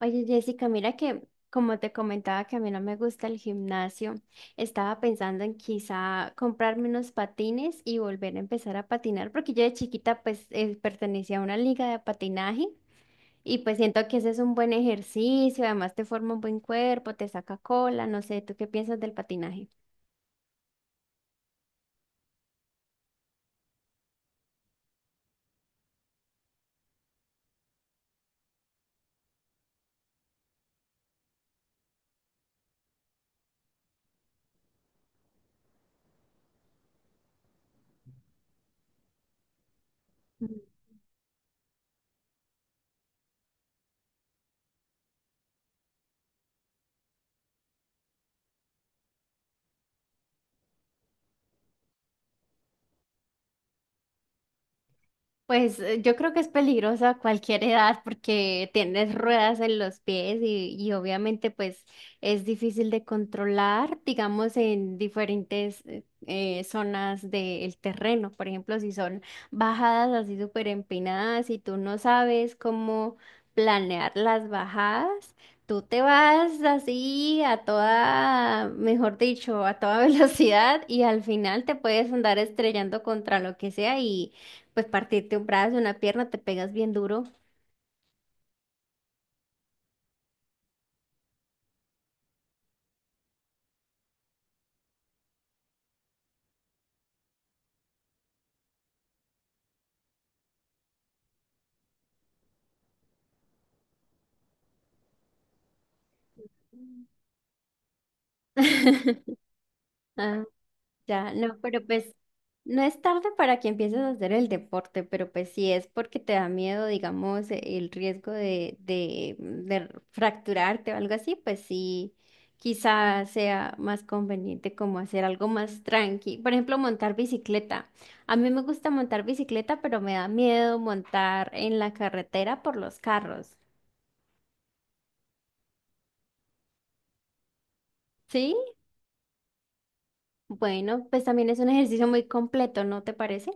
Oye, Jessica, mira que como te comentaba que a mí no me gusta el gimnasio, estaba pensando en quizá comprarme unos patines y volver a empezar a patinar, porque yo de chiquita pues pertenecía a una liga de patinaje y pues siento que ese es un buen ejercicio, además te forma un buen cuerpo, te saca cola, no sé, ¿tú qué piensas del patinaje? Pues yo creo que es peligrosa a cualquier edad porque tienes ruedas en los pies y obviamente pues es difícil de controlar, digamos, en diferentes zonas del terreno. Por ejemplo, si son bajadas así súper empinadas y tú no sabes cómo planear las bajadas, tú te vas así a toda, mejor dicho, a toda velocidad y al final te puedes andar estrellando contra lo que sea y... Pues partirte un brazo, una pierna, te pegas bien duro. Ah, ya, no, pero pues no es tarde para que empieces a hacer el deporte, pero pues si es porque te da miedo, digamos, el riesgo de fracturarte o algo así, pues sí, quizás sea más conveniente como hacer algo más tranqui. Por ejemplo, montar bicicleta. A mí me gusta montar bicicleta, pero me da miedo montar en la carretera por los carros. ¿Sí? Bueno, pues también es un ejercicio muy completo, ¿no te parece?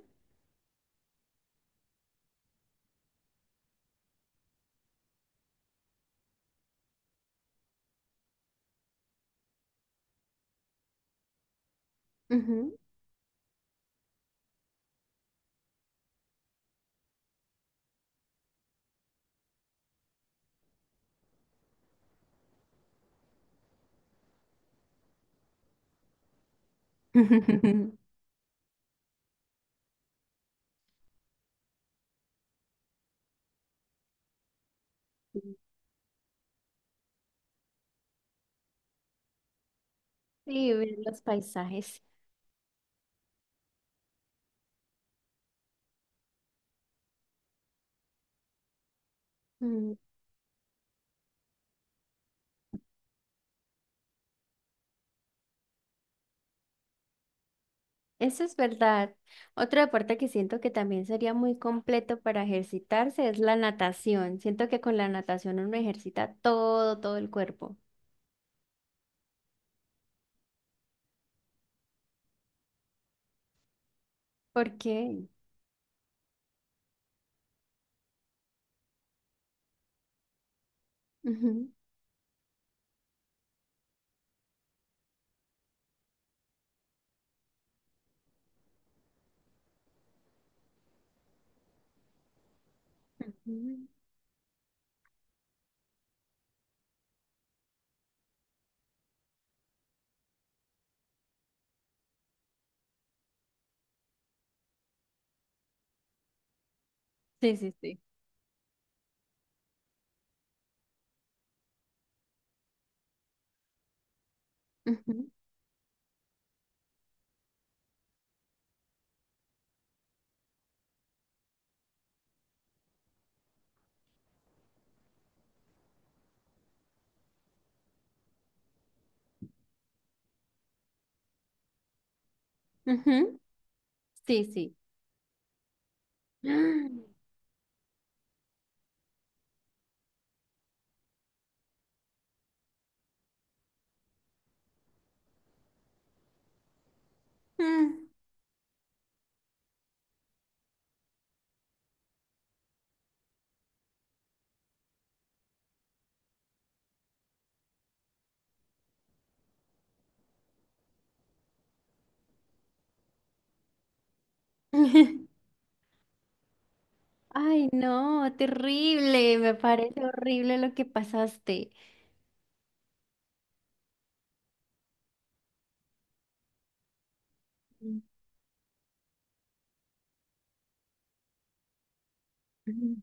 Ujú. Sí, ver los paisajes. Mm, eso es verdad. Otro deporte que siento que también sería muy completo para ejercitarse es la natación. Siento que con la natación uno ejercita todo, todo el cuerpo. ¿Por qué? Ujú. Ujú. Sí, sí, sí. Ujú. Ujú. Sí, sí. Mm. Ay, no, terrible, me parece horrible lo que pasaste. Mm, ujú,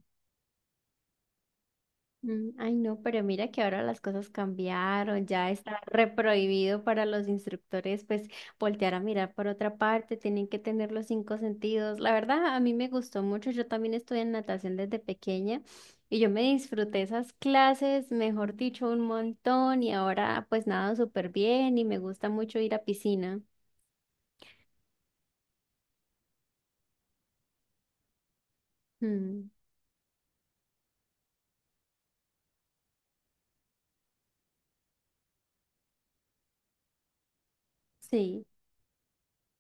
mm, ay, no, pero mira que ahora las cosas cambiaron, ya está reprohibido para los instructores, pues voltear a mirar por otra parte, tienen que tener los cinco sentidos. La verdad, a mí me gustó mucho, yo también estudié en natación desde pequeña y yo me disfruté esas clases, mejor dicho, un montón y ahora pues nado súper bien y me gusta mucho ir a piscina. Mm, sí.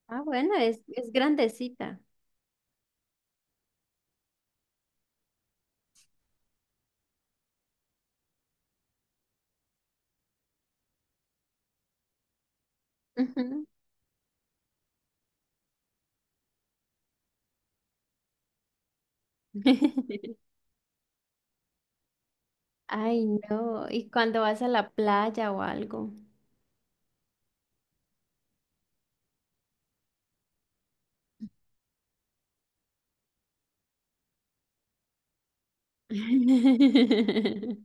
Ah, bueno, es grandecita. Ujú. Ay, no. ¿Y cuando vas a la playa o algo?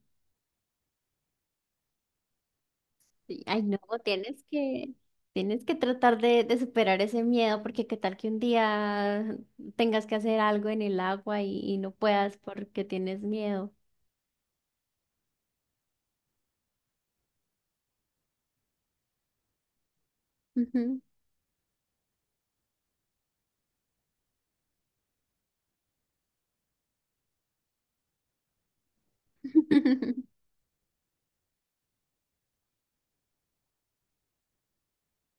Sí, ay, no, tienes que, tienes que tratar de superar ese miedo, porque qué tal que un día tengas que hacer algo en el agua y no puedas porque tienes miedo. Ujú.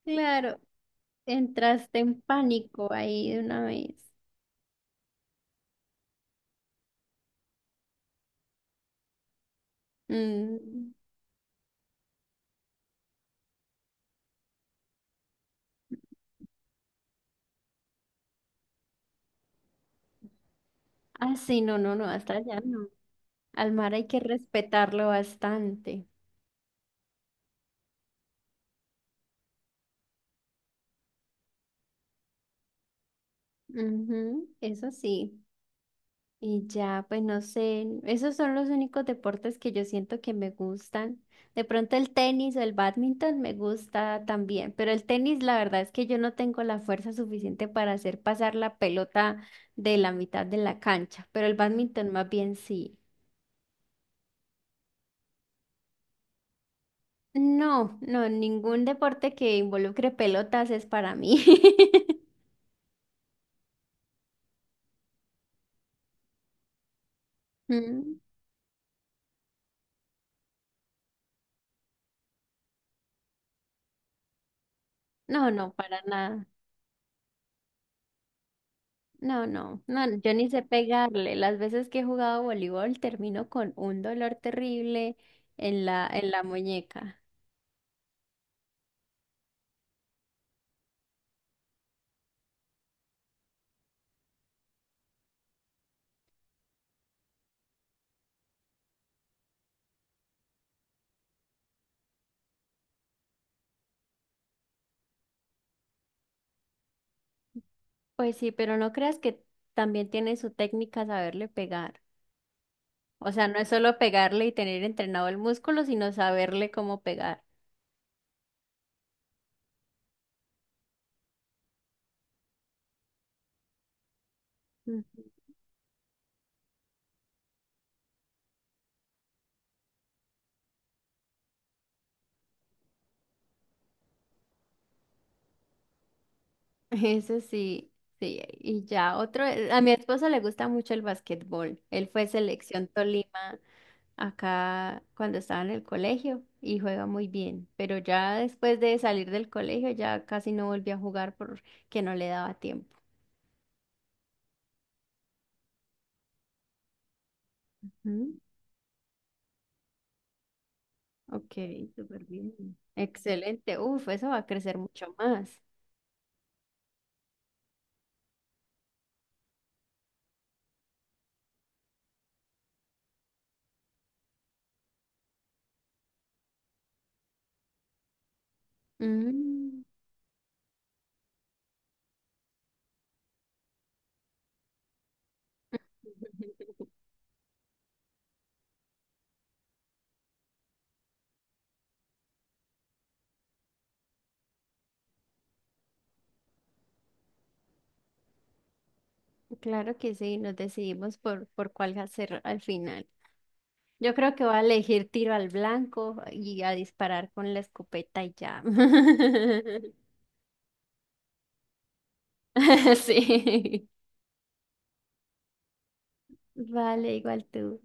Claro, entraste en pánico ahí de una vez. Mm. Ah, sí, no, no, no, hasta allá no. Al mar hay que respetarlo bastante. Ujú, eso sí. Y ya, pues no sé, esos son los únicos deportes que yo siento que me gustan. De pronto el tenis o el bádminton me gusta también, pero el tenis la verdad es que yo no tengo la fuerza suficiente para hacer pasar la pelota de la mitad de la cancha, pero el bádminton más bien sí. No, no, ningún deporte que involucre pelotas es para mí. Mm, no, no, para nada. No, no, no, yo ni sé pegarle. Las veces que he jugado voleibol termino con un dolor terrible en la muñeca. Pues sí, pero no creas que también tiene su técnica saberle pegar. O sea, no es solo pegarle y tener entrenado el músculo, sino saberle cómo pegar. Ujú. Eso sí, sí. Y ya otro, a mi esposo le gusta mucho el básquetbol. Él fue selección Tolima acá cuando estaba en el colegio y juega muy bien, pero ya después de salir del colegio ya casi no volví a jugar porque no le daba tiempo. Mm, ok, súper bien. Excelente, uf, eso va a crecer mucho más. Mm, claro que sí, nos decidimos por cuál hacer al final. Yo creo que voy a elegir tiro al blanco y a disparar con la escopeta y ya. Sí. Vale, igual tú.